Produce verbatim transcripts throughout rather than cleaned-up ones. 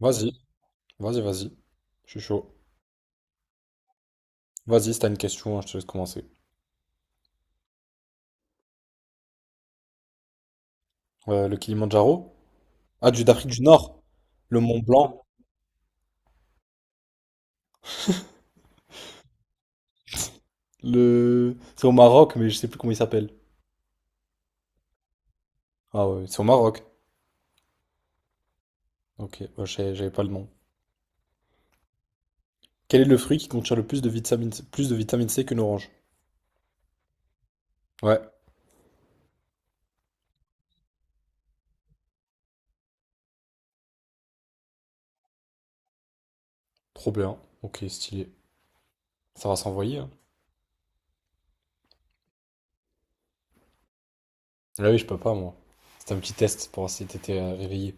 Vas-y, vas-y, vas-y. Je suis chaud. Vas-y, si t'as une question, hein, je te laisse commencer. Euh, le Kilimandjaro? Ah, du d'Afrique du Nord. Le Mont Blanc. Le... C'est au Maroc, mais je sais plus comment il s'appelle. Ah ouais, c'est au Maroc. Ok, ouais, je sais- j'avais pas le nom. Quel est le fruit qui contient le plus de vitamine C, plus de vitamine C qu'une orange? Ouais, trop bien. Ok, stylé. Ça va s'envoyer, hein. Ah oui, je peux pas, moi. C'était un petit test pour voir si t'étais euh, réveillé.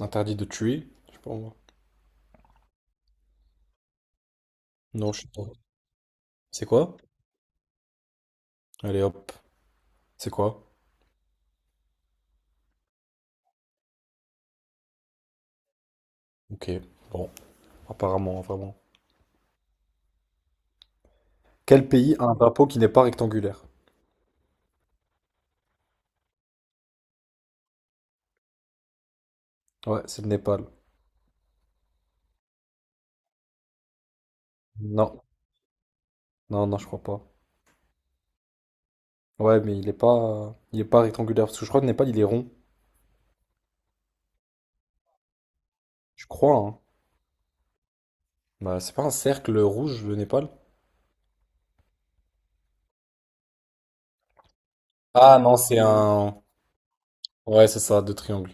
Interdit de tuer? Je sais pas, moi. Non, je sais pas. C'est quoi? Allez, hop. C'est quoi? Ok, bon. Apparemment, vraiment. Quel pays a un drapeau qui n'est pas rectangulaire? Ouais, c'est le Népal. Non, non, non, je crois pas. Ouais, mais il est pas, il est pas rectangulaire parce que je crois que le Népal il est rond. Je crois, hein. Bah, c'est pas un cercle rouge le Népal? Ah non, c'est un. Ouais, c'est ça, deux triangles.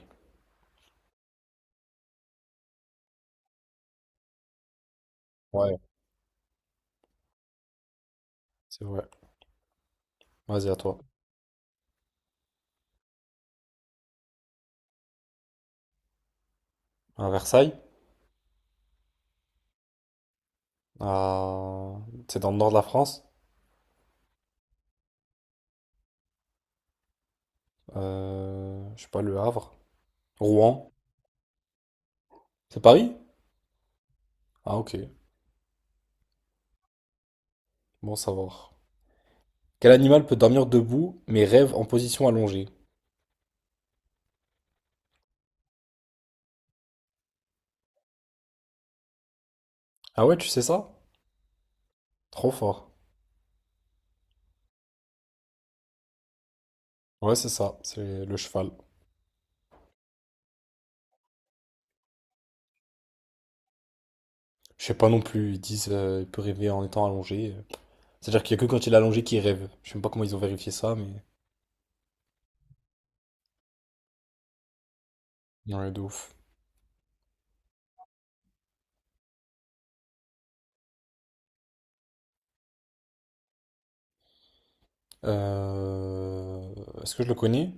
Ouais, c'est vrai. Vas-y, à toi. À Versailles, à... c'est dans le nord de la France. Euh, Je sais pas, Le Havre. Rouen. C'est Paris? Ah ok, bon savoir. Quel animal peut dormir debout mais rêve en position allongée? Ah ouais, tu sais ça? Trop fort. Ouais, c'est ça, c'est le cheval. Je sais pas non plus, ils disent euh, il peut rêver en étant allongé. C'est-à-dire qu'il y a que quand il est allongé qu'il rêve. Je sais même pas comment ils ont vérifié ça, mais... Ouais, de ouf. Euh, Est-ce que je le connais?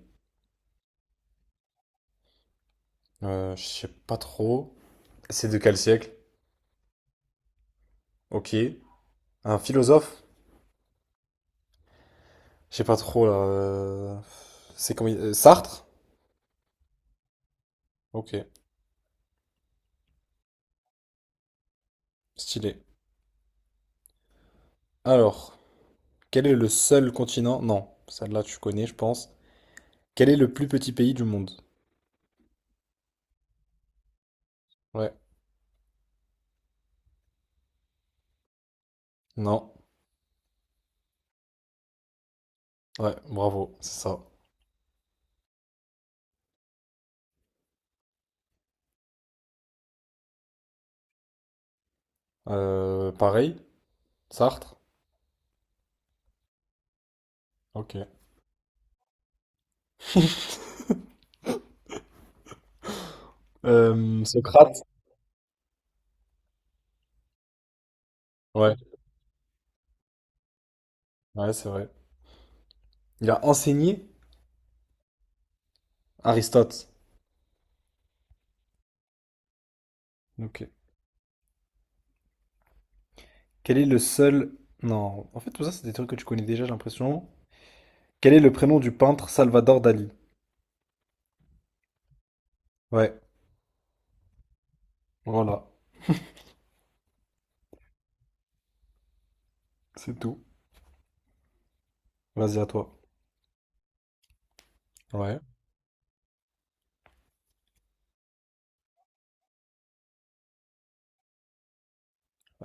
Euh, je sais pas trop. C'est de quel siècle? Ok. Un philosophe? Je sais pas trop, là. euh, C'est comme... il- euh, Sartre? Ok, stylé. Alors, quel est le seul continent? Non, celle-là tu connais, je pense. Quel est le plus petit pays du monde? Ouais. Non. Ouais, bravo, c'est ça. Euh, pareil, Sartre. Ok. Euh, Socrate. Ouais, ouais, c'est vrai. Il a enseigné Aristote. Ok. Quel est le seul... Non, en fait, tout ça, c'est des trucs que tu connais déjà, j'ai l'impression. Quel est le prénom du peintre Salvador Dali? Ouais, voilà, c'est tout. Vas-y, à toi. Ouais.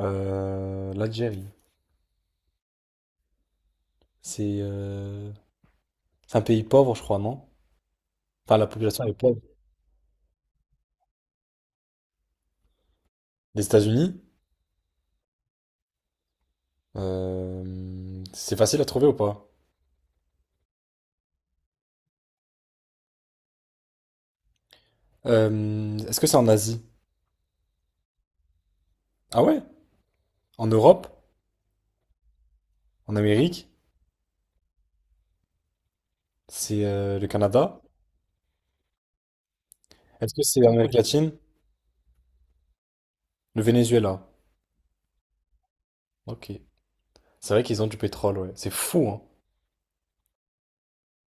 Euh, L'Algérie. C'est euh, c'est un pays pauvre, je crois, non? Enfin, la population est pauvre. Des États-Unis? Euh, c'est facile à trouver ou pas? Euh, est-ce que c'est en Asie? Ah ouais? En Europe? En Amérique? C'est euh, Le Canada? Est-ce que c'est l'Amérique latine? Le Venezuela. Ok. C'est vrai qu'ils ont du pétrole, ouais. C'est fou, hein.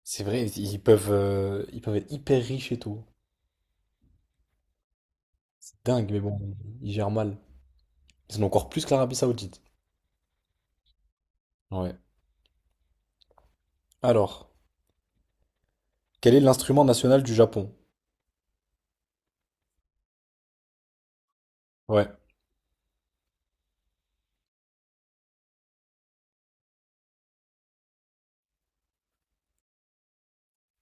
C'est vrai, ils peuvent, euh, ils peuvent être hyper riches et tout. C'est dingue, mais bon, ils gèrent mal. Ils en ont encore plus que l'Arabie Saoudite. Ouais. Alors, quel est l'instrument national du Japon? Ouais.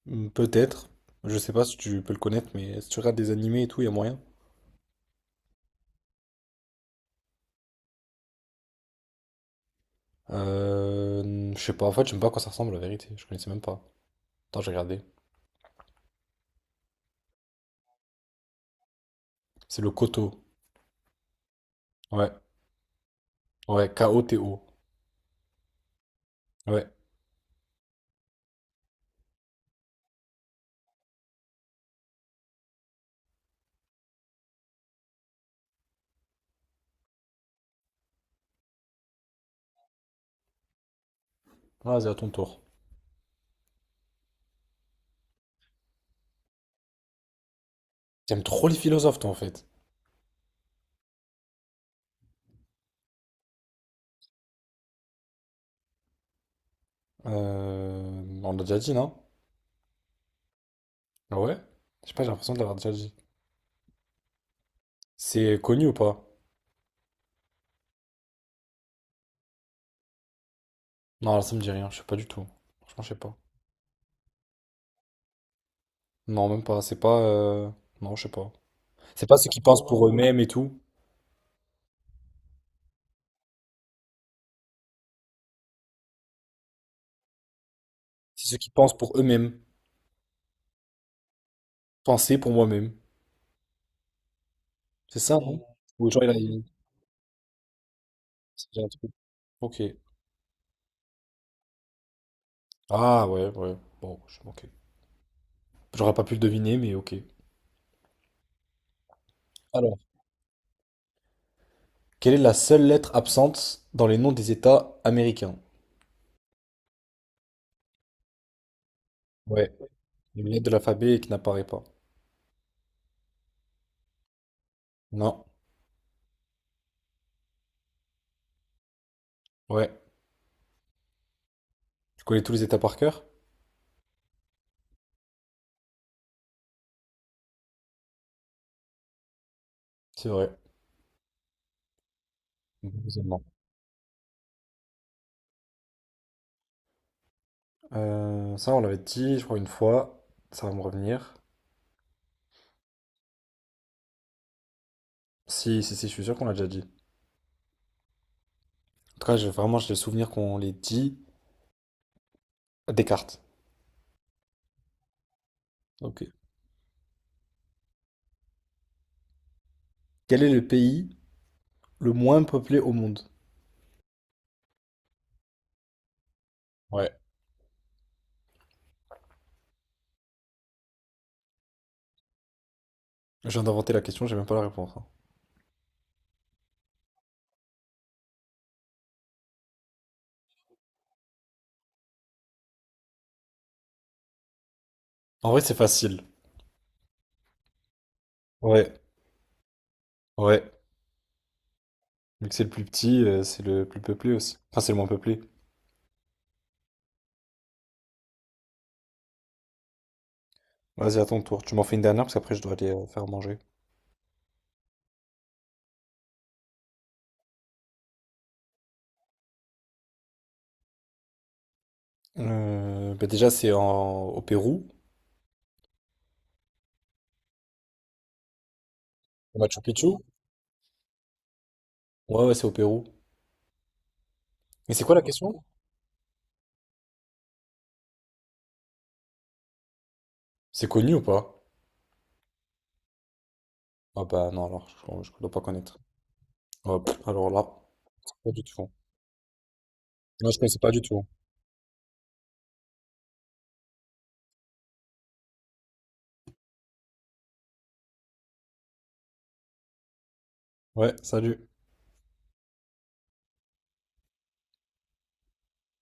Hmm, peut-être. Je sais pas si tu peux le connaître, mais si tu regardes des animés et tout, il y a moyen. Euh, je sais pas, en fait, je sais même pas à quoi ça ressemble, la vérité. Je connaissais même pas. Attends, j'ai regardé. C'est le Koto. Ouais. Ouais, K O T O. Ouais. Vas-y, à ton tour. T'aimes trop les philosophes, toi, en fait. Euh, On l'a déjà dit, non? Ah ouais? Je sais pas, j'ai l'impression de l'avoir déjà dit. C'est connu ou pas? Non, là, ça me dit rien. Je sais pas du tout. Franchement, je sais pas. Non, même pas. C'est pas. Euh, Non, je sais pas. C'est pas ceux qui pensent pour eux-mêmes et tout. C'est ceux qui pensent pour eux-mêmes. Penser pour moi-même. C'est ça, non? Ou genre, il a. il- c'est un truc. Ok. Ah ouais, ouais. Bon, je... ok. J'aurais pas pu le deviner, mais ok. Quelle est la seule lettre absente dans les noms des États américains? Ouais. Une lettre de l'alphabet qui n'apparaît pas. Non. Ouais. Tu connais tous les États par cœur? C'est vrai. Deuxièmement. Euh, ça, on l'avait dit, je crois, une fois. Ça va me revenir. Si, si, si, je suis sûr qu'on l'a déjà dit. En tout cas, j'ai vraiment, j'ai le souvenir qu'on l'ait dit. Descartes. Ok. Quel est le pays le moins peuplé au monde? Ouais. Je viens d'inventer la question, j'ai même pas la réponse, hein. En vrai, c'est facile. Ouais. Ouais. Vu que c'est le plus petit, euh, c'est le plus peuplé aussi. Enfin, c'est le moins peuplé. Vas-y, à ton tour. Tu m'en fais une dernière parce qu'après je dois aller euh, faire manger. Euh, bah déjà, c'est en... au Pérou. Au Machu Picchu? Ouais, ouais, c'est au Pérou. Mais c'est quoi la question? C'est connu ou pas? Ah bah non, alors je, je dois pas connaître. Ouais, pff, alors là, pas du tout. Non, je connaissais pas du tout. Ouais, salut.